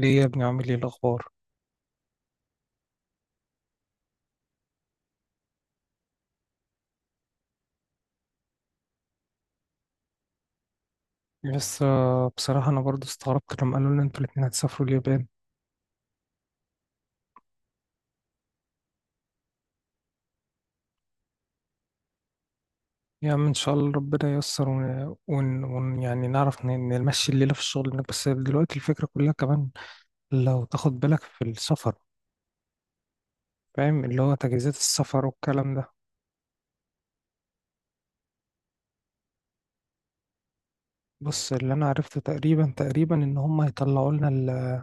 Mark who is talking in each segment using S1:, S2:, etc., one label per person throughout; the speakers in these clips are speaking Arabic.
S1: ليه يا ابني؟ عامل ايه الاخبار؟ بس بصراحه انا برضو استغربت لما قالوا لنا انتوا الاتنين هتسافروا اليابان. يا عم ان شاء الله ربنا ييسر يعني نعرف نمشي الليله في الشغل هناك. بس دلوقتي الفكره كلها كمان لو تاخد بالك في السفر، فاهم، اللي هو تجهيزات السفر والكلام ده. بص، اللي انا عرفته تقريبا تقريبا ان هم هيطلعوا لنا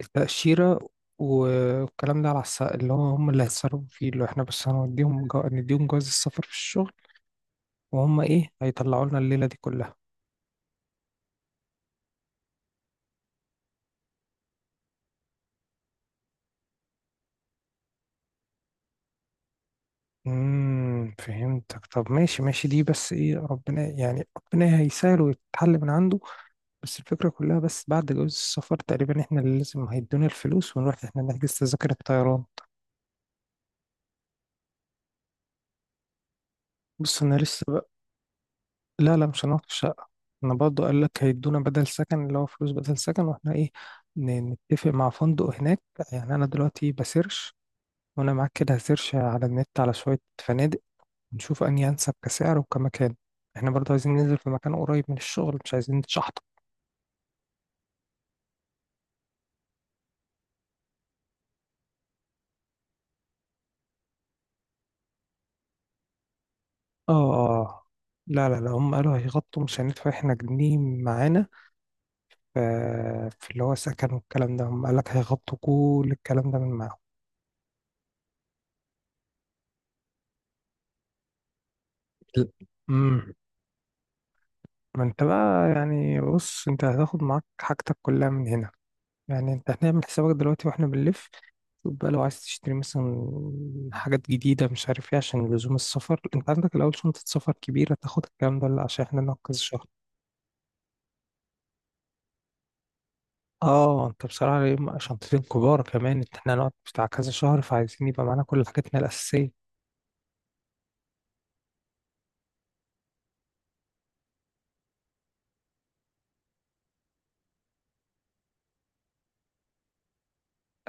S1: التاشيره والكلام ده، على اللي هو هم اللي هيتصرفوا فيه، اللي هو احنا بس هنديهم نديهم جواز السفر في الشغل، وهم ايه هيطلعوا لنا الليله دي كلها. فهمتك. طب ماشي ماشي دي، بس ايه، ربنا، يعني ربنا هيسهل ويتحل من عنده. بس الفكرة كلها بس بعد جواز السفر تقريبا احنا اللي لازم هيدونا الفلوس ونروح احنا نحجز تذاكر الطيران. بص انا لسه بقى. لا لا، مش هنقعد في الشقة. انا برضه قال لك هيدونا بدل سكن، اللي هو فلوس بدل سكن، واحنا ايه، نتفق مع فندق هناك. يعني انا دلوقتي بسيرش، وانا معاك كده هسيرش على النت على شوية فنادق، نشوف أنهي أنسب كسعر وكمكان. إحنا برضه عايزين ننزل في مكان قريب من الشغل، مش عايزين نتشحطط. آه آه. لا لا لا، هم قالوا هيغطوا، مش هندفع إحنا جنيه معانا ف- في اللي هو سكن والكلام ده. هم قالك هيغطوا كل الكلام ده من معاهم. امم ما انت بقى، يعني بص، انت هتاخد معاك حاجتك كلها من هنا. يعني انت هنعمل حسابك دلوقتي واحنا بنلف، شوف بقى لو عايز تشتري مثلا حاجات جديدة، مش عارف ايه، عشان لزوم السفر. انت عندك الأول شنطة سفر كبيرة تاخد الكلام ده ولا عشان احنا نقعد كذا شهر؟ اه، انت بصراحة يبقى شنطتين كبار كمان. انت احنا هنقعد بتاع كذا شهر، فعايزين يبقى معانا كل حاجاتنا الأساسية.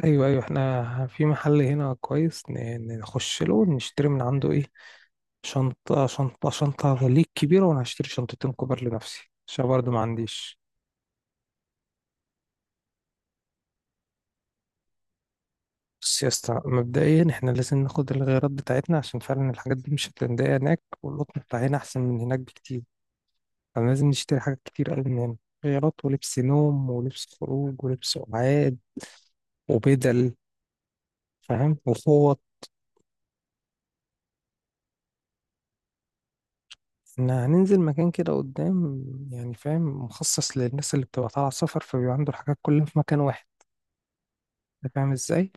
S1: ايوه ايوه، احنا في محل هنا كويس، نخش له نشتري من عنده ايه، شنطة ليك كبيرة، وانا هشتري شنطتين كبار لنفسي عشان برضه ما عنديش. بص يا اسطى، مبدئيا احنا لازم ناخد الغيارات بتاعتنا، عشان فعلا الحاجات دي مش هتلاقيها هناك، والقطن بتاع هنا احسن من هناك بكتير، فلازم نشتري حاجات كتير قوي من هنا: غيارات، ولبس نوم، ولبس خروج، ولبس قعاد، وبدل، فاهم، وفوط. احنا هننزل مكان كده قدام، يعني فاهم، مخصص للناس اللي بتبقى طالعة سفر، فبيبقى عنده الحاجات كلها في مكان واحد. انت فاهم ازاي؟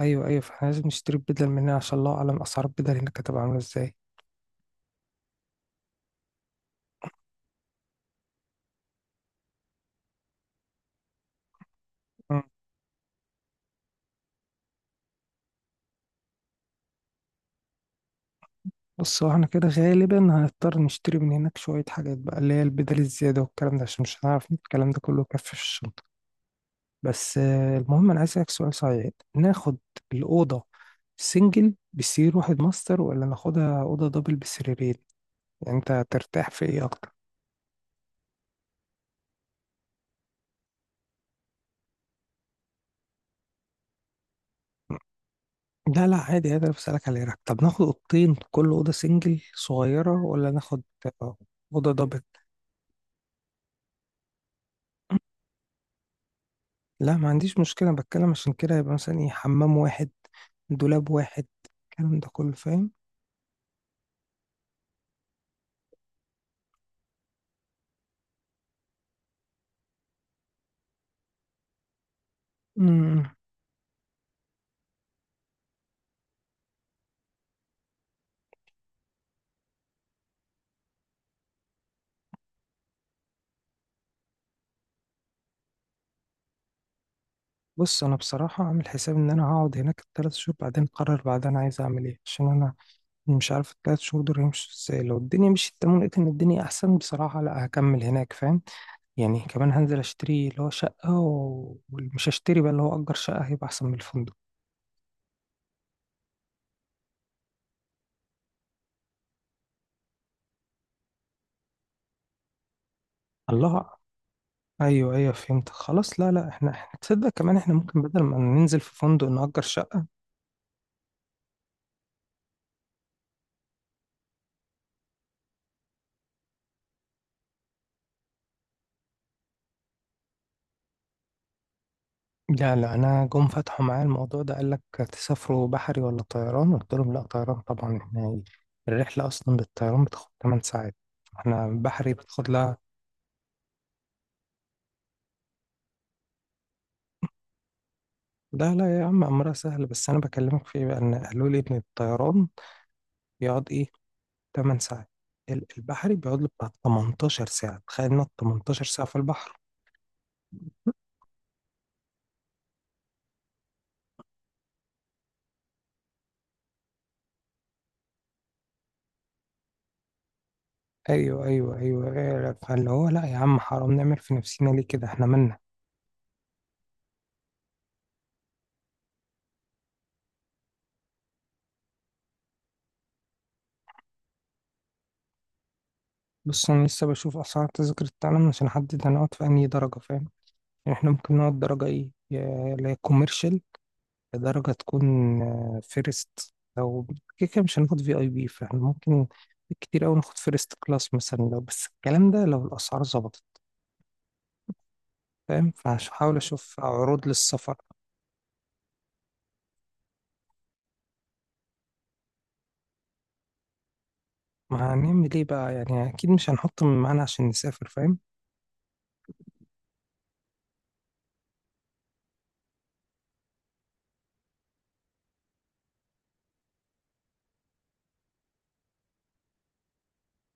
S1: ايوه ايوه، فاحنا لازم نشتري بدل من هنا، عشان الله اعلم اسعار البدل هناك هتبقى عاملة ازاي. بص، هو احنا كده غالبا هنضطر نشتري من هناك شوية حاجات بقى، اللي هي البدل الزيادة والكلام ده، عشان مش هنعرف نجيب الكلام ده كله كف في الشنطة. بس المهم أنا عايز أسألك سؤال صحيح، ناخد الأوضة سنجل بسرير واحد ماستر، ولا ناخدها أوضة دبل بسريرين؟ يعني أنت ترتاح في إيه أكتر؟ لا لا، عادي عادي، أنا بسألك على إيه رأيك. طب ناخد أوضتين كل أوضة سنجل صغيرة، ولا ناخد آه، أوضة دبل؟ لا، ما عنديش مشكلة، بتكلم عشان كده يبقى مثلا ايه، حمام واحد، دولاب واحد، الكلام ده كله فاهم. مم. بص، انا بصراحة عامل حساب ان انا هقعد هناك ال3 شهور، بعدين اقرر بعدين عايز اعمل ايه، عشان انا مش عارف ال3 شهور دول هيمشوا ازاي. لو الدنيا مشيت تمام، لقيت ان الدنيا احسن بصراحة، لا هكمل هناك، فاهم، يعني كمان هنزل اشتري اللي هو شقة و- ومش هشتري بقى، اللي هو اجر شقة هيبقى احسن من الفندق. الله. ايوه ايوه، فهمت، خلاص، لا لا، احنا تصدق كمان احنا ممكن بدل ما ننزل في فندق نأجر شقة. لا لا، انا جم فتحوا معايا الموضوع ده، قال لك تسافروا بحري ولا طيران، قلت لهم لا، طيران طبعا. احنا الرحله اصلا بالطيران بتاخد 8 ساعات، احنا بحري بتاخد لها. لا لا يا عم، امرها سهل، بس انا بكلمك في إيه بقى، ان قالوا لي ان الطيران بيقعد ايه، 8 ساعات، البحري بيقعد له بتاع 18 ساعه. تخيل انك 18 ساعه في البحر! ايوه ايوه ايوه، أيوة. فاللي هو، لا يا عم، حرام نعمل في نفسنا ليه كده، احنا مالنا. بص، انا لسه بشوف اسعار تذاكر التعلم عشان احدد انا اقعد في انهي درجه، فاهم. احنا ممكن نقعد درجة ايه، اللي هي كوميرشال، درجة تكون فيرست او كده كده. مش هناخد في اي بي، فاحنا ممكن كتير اوي ناخد فيرست كلاس مثلا، لو بس الكلام ده لو الاسعار ظبطت، فاهم، فهحاول اشوف عروض للسفر. ما هنعمل ايه بقى يعني، اكيد مش هنحط من معانا عشان نسافر، فاهم.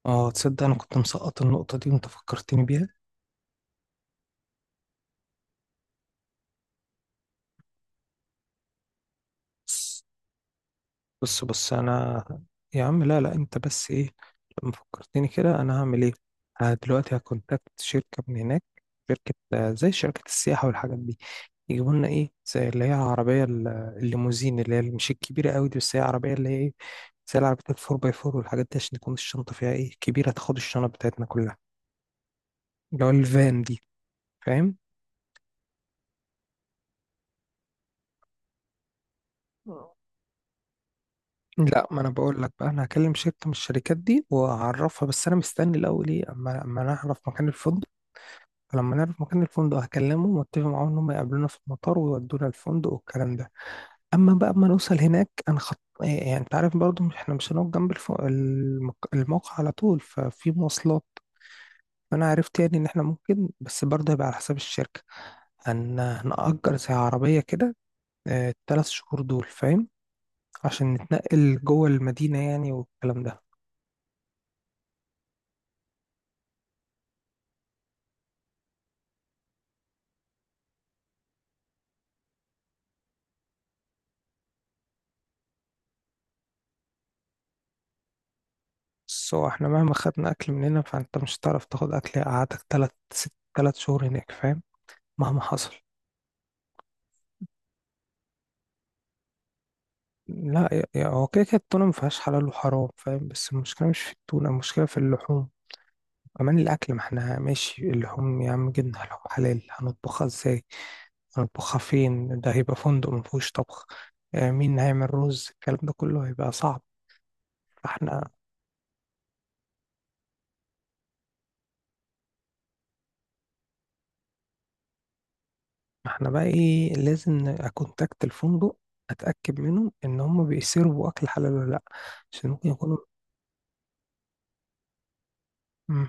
S1: اه، تصدق انا كنت مسقط النقطة دي وانت فكرتني بيها. بص انا، يا عم لا لا، انت بس ايه، لما فكرتني كده انا هعمل ايه. دلوقتي هكونتاكت شركه من هناك، شركه زي شركه السياحه والحاجات دي، يجيبوا لنا ايه زي اللي هي عربيه الليموزين، اللي هي مش الكبيره قوي دي، بس هي عربيه اللي هي ايه، زي العربيات الفور باي فور والحاجات دي، عشان تكون الشنطه فيها ايه كبيره، تاخد الشنط بتاعتنا كلها، اللي هو الفان دي، فاهم. لا، ما انا بقول لك بقى، انا هكلم شركه من الشركات دي واعرفها، بس انا مستني الاول ايه اما انا اعرف مكان الفندق. فلما نعرف مكان الفندق هكلمه واتفق معاهم ان هم يقابلونا في المطار ويودونا الفندق والكلام ده. اما بقى ما نوصل هناك هنخط، يعني انت عارف برضه احنا مش هنقعد جنب الموقع على طول، ففي مواصلات، فانا عرفت يعني ان احنا ممكن، بس برضه هيبقى على حساب الشركة، هنأجر زي عربية كده ال3 شهور دول، فاهم، عشان نتنقل جوه المدينة يعني والكلام ده. بس هو احنا مهما خدنا أكل من هنا، فأنت مش هتعرف تاخد أكل قعدتك تلات ست تلات شهور هناك، فاهم، مهما حصل. لا هو كده كده التونة ما فيهاش حلال وحرام، فاهم، بس المشكلة مش في التونة، المشكلة في اللحوم كمان، الأكل. ما احنا ماشي اللحوم، يا عم جبنا لحوم حلال، هنطبخها ازاي، هنطبخها فين، ده هيبقى فندق ما فيهوش طبخ. مين هيعمل رز، الكلام ده كله هيبقى صعب. فاحنا، ما احنا بقى ايه، لازم اكونتاكت الفندق، اتأكد منهم ان هم بيسيرفوا أكل حلال ولا لأ، عشان ممكن يكونوا. مم.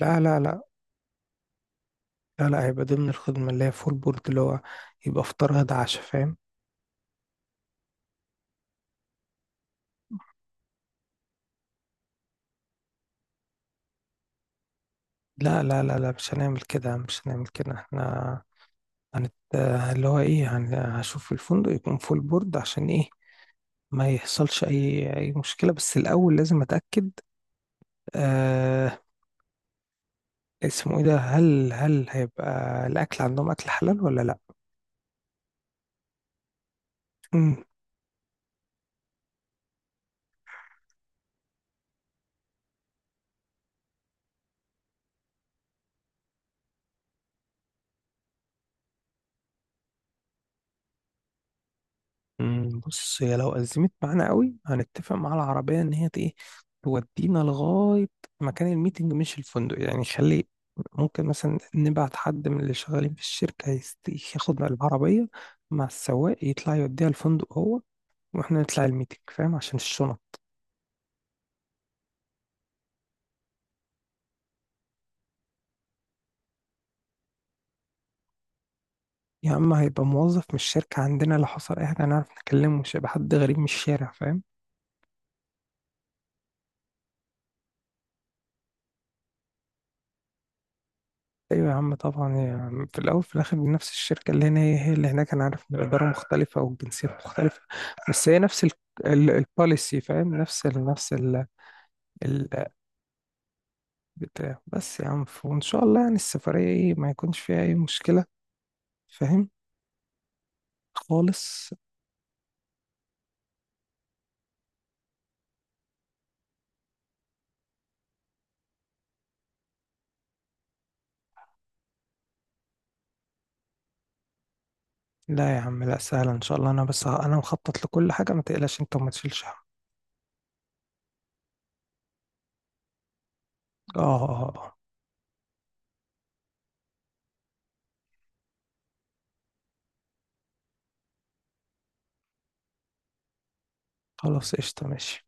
S1: لا لا لا لا لا، هيبقى ضمن الخدمة، اللي هي فول بورد، اللي هو يبقى فطار غدا عشاء، فاهم. لا لا لا لا، مش هنعمل كده، مش هنعمل كده، احنا هنت... اللي هو ايه، هشوف الفندق يكون فول بورد، عشان ايه ما يحصلش اي مشكلة. بس الاول لازم اتأكد، آه... اسمه ايه ده، هل هيبقى الاكل عندهم اكل حلال ولا لا. بص، هي لو أزمت معانا قوي هنتفق مع العربية إن هي إيه، تودينا لغاية مكان الميتنج مش الفندق يعني. خلي، ممكن مثلا نبعت حد من اللي شغالين في الشركة ياخد العربية مع السواق، يطلع يوديها الفندق هو، وإحنا نطلع الميتنج، فاهم، عشان الشنط. يا إما هيبقى موظف من الشركة عندنا، لو حصل أي حاجة هنعرف نكلمه، مش هيبقى حد غريب من الشارع، فاهم. ايوه يا عم طبعا، يعني في الاول في الاخر نفس الشركه، اللي هنا هي هي اللي هناك. انا عارف ان الاداره مختلفه والجنسيات مختلفه، بس هي نفس البوليسي، فاهم، نفس ال نفس ال ال- بتاع بس يا عم، وان شاء الله يعني السفريه ايه ما يكونش فيها اي مشكله، فاهم، خالص. لا يا عم، لا سهله ان شاء الله، انا انا مخطط لكل حاجه، ما تقلقش انت وما تشيلش هم. اه اه. آه. آه. خلاص قشطه ماشي.